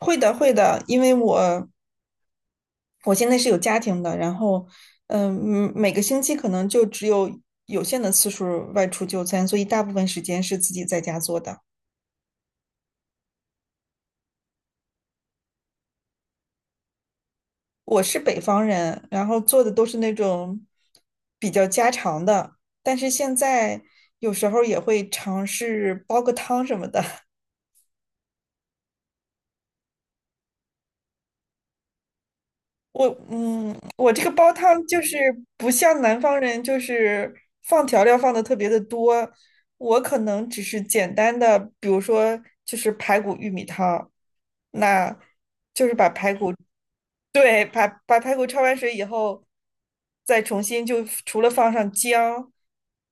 会的，会的，因为我现在是有家庭的，然后每个星期可能就只有有限的次数外出就餐，所以大部分时间是自己在家做的。我是北方人，然后做的都是那种比较家常的，但是现在有时候也会尝试煲个汤什么的。我这个煲汤就是不像南方人，就是放调料放的特别的多。我可能只是简单的，比如说就是排骨玉米汤。那对，把排骨焯完水以后，再重新就除了放上姜，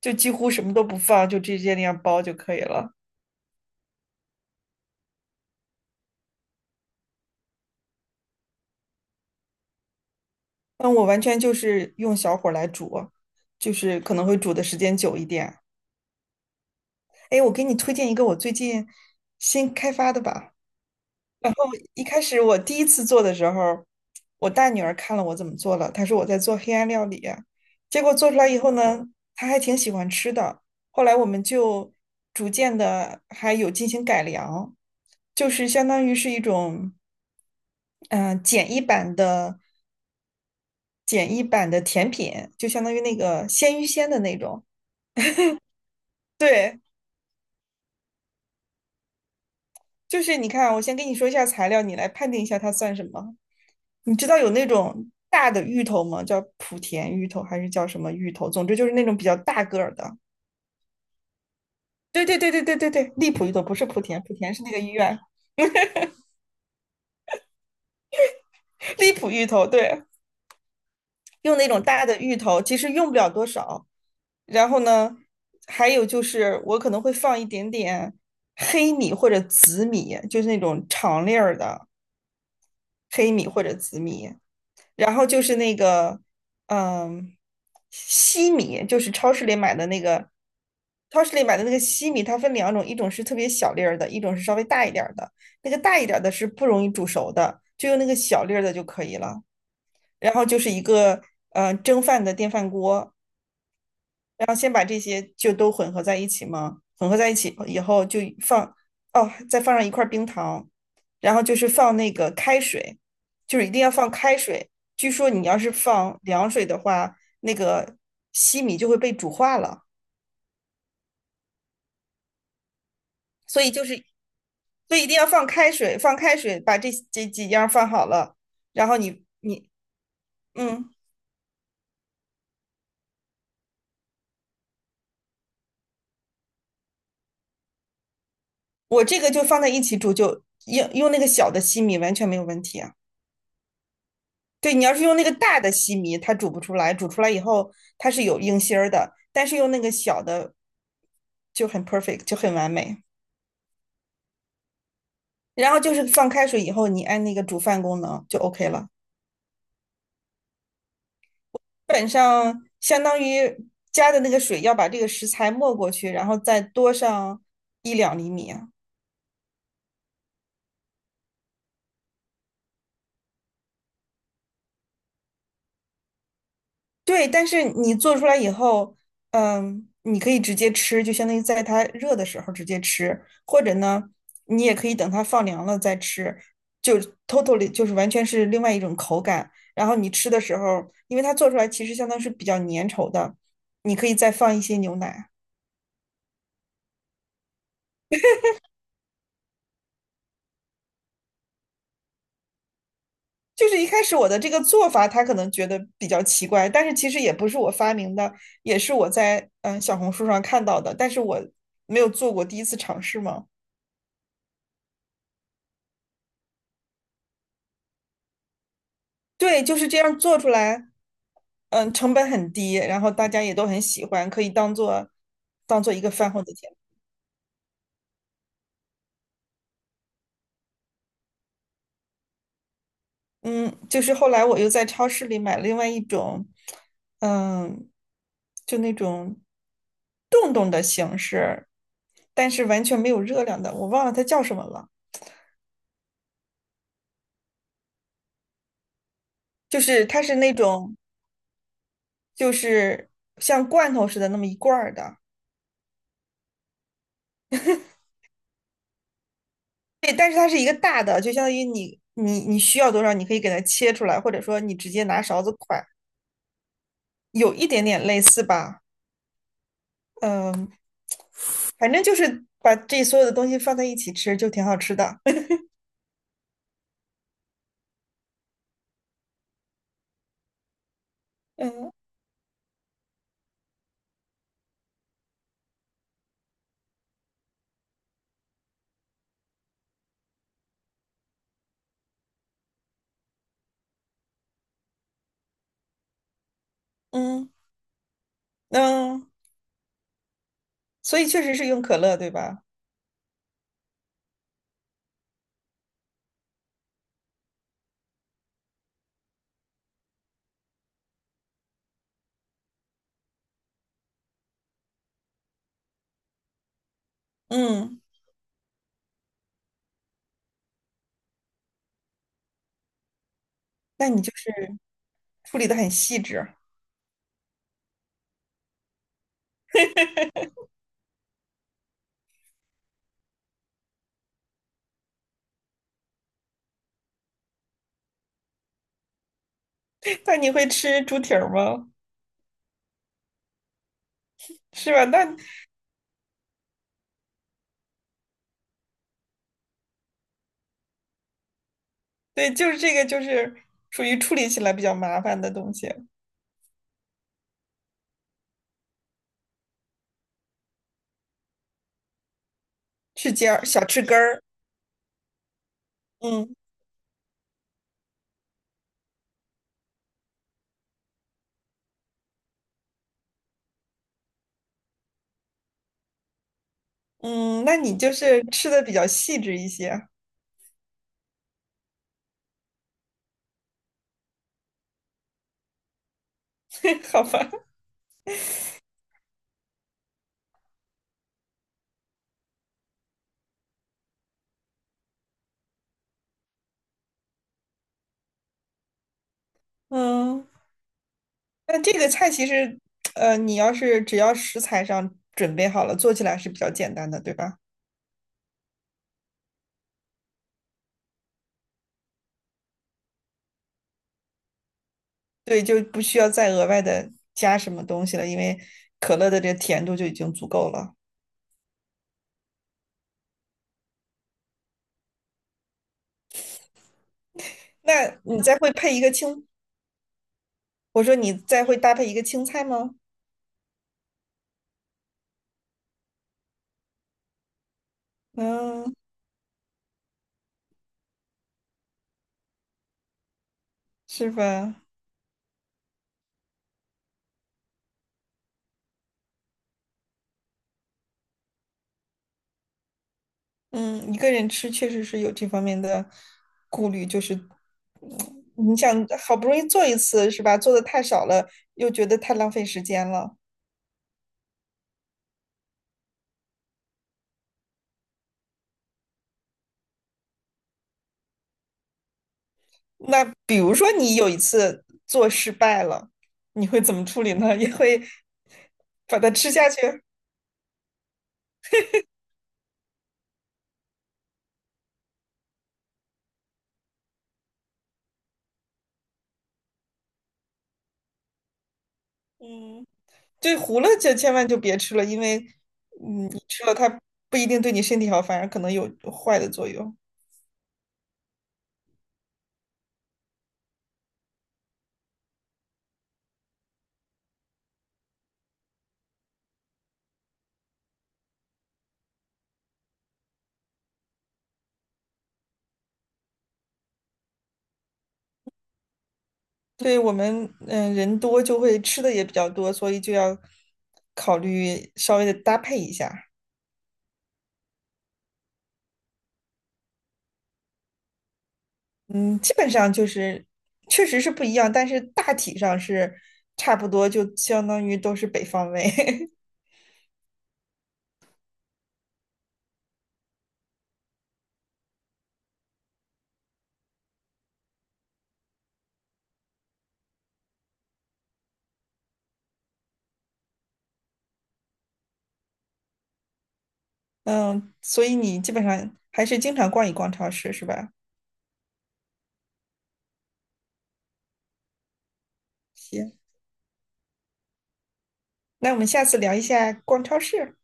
就几乎什么都不放，就直接那样煲就可以了。嗯，我完全就是用小火来煮，就是可能会煮的时间久一点。哎，我给你推荐一个我最近新开发的吧。一开始我第一次做的时候，我大女儿看了我怎么做了，她说我在做黑暗料理啊，结果做出来以后呢，她还挺喜欢吃的。后来我们就逐渐的还有进行改良，就是相当于是一种嗯、呃简易版的简易版的甜品，就相当于那个鲜芋仙的那种。对，就是你看，我先跟你说一下材料，你来判定一下它算什么。你知道有那种大的芋头吗？叫莆田芋头还是叫什么芋头？总之就是那种比较大个儿的。对对对对对对对，荔浦芋头不是莆田，莆田是那个医院，荔浦芋头对，用那种大的芋头，其实用不了多少。然后呢，还有就是我可能会放一点点黑米或者紫米，就是那种长粒儿的黑米或者紫米，然后就是那个，嗯，西米，就是超市里买的那个，超市里买的那个西米，它分两种，一种是特别小粒儿的，一种是稍微大一点儿的。那个大一点儿的是不容易煮熟的，就用那个小粒儿的就可以了。然后就是一个，蒸饭的电饭锅，然后先把这些就都混合在一起吗？混合在一起以后就放，哦，再放上一块冰糖，然后就是放那个开水，就是一定要放开水。据说你要是放凉水的话，那个西米就会被煮化了，所以就是，所以一定要放开水，放开水把这几样放好了，然后嗯，我这个就放在一起煮就，用那个小的西米完全没有问题啊。对，你要是用那个大的西米，它煮不出来，煮出来以后它是有硬芯儿的，但是用那个小的就很 perfect，就很完美。然后就是放开水以后，你按那个煮饭功能就 OK 了。基本上相当于加的那个水要把这个食材没过去，然后再多上1-2厘米，对，但是你做出来以后，嗯，你可以直接吃，就相当于在它热的时候直接吃，或者呢，你也可以等它放凉了再吃，就 totally 就是完全是另外一种口感。然后你吃的时候，因为它做出来其实相当是比较粘稠的，你可以再放一些牛奶。就是一开始我的这个做法，他可能觉得比较奇怪，但是其实也不是我发明的，也是我在小红书上看到的，但是我没有做过，第一次尝试嘛。对，就是这样做出来，嗯，成本很低，然后大家也都很喜欢，可以当做一个饭后的甜。嗯，就是后来我又在超市里买了另外一种，嗯，就那种冻，但是完全没有热量的，我忘了它叫什么了。就是它是那种，就是像罐头似的那么一罐儿的，对，但是它是一个大的，就相当于你需要多少，你可以给它切出来，或者说你直接拿勺子㧟。有一点点类似吧，嗯，反正就是把这所有的东西放在一起吃，就挺好吃的。嗯嗯嗯，所以确实是用可乐，对吧？嗯，那你就是处理的很细致。那你会吃猪蹄儿吗？是吧？那对，就是这个，就是属于处理起来比较麻烦的东西，去尖儿、小翅根儿。嗯嗯，那你就是吃的比较细致一些，好吧？嗯。但这个菜其实，你要是只要食材上准备好了，做起来是比较简单的，对吧？对，就不需要再额外的加什么东西了，因为可乐的这甜度就已经足够了。那你再会配一个青，我说你再会搭配一个青菜吗？嗯，是吧？嗯，一个人吃确实是有这方面的顾虑，就是，嗯你想好不容易做一次，是吧？做的太少了，又觉得太浪费时间了。那比如说你有一次做失败了，你会怎么处理呢？也会把它吃下去？嗯，对，糊了就千万就别吃了，因为嗯，你吃了它不一定对你身体好，反而可能有坏的作用。所以我们人多就会吃的也比较多，所以就要考虑稍微的搭配一下。嗯，基本上就是确实是不一样，但是大体上是差不多，就相当于都是北方味。嗯，所以你基本上还是经常逛一逛超市是吧？行，那我们下次聊一下逛超市。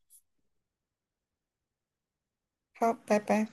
好，拜拜。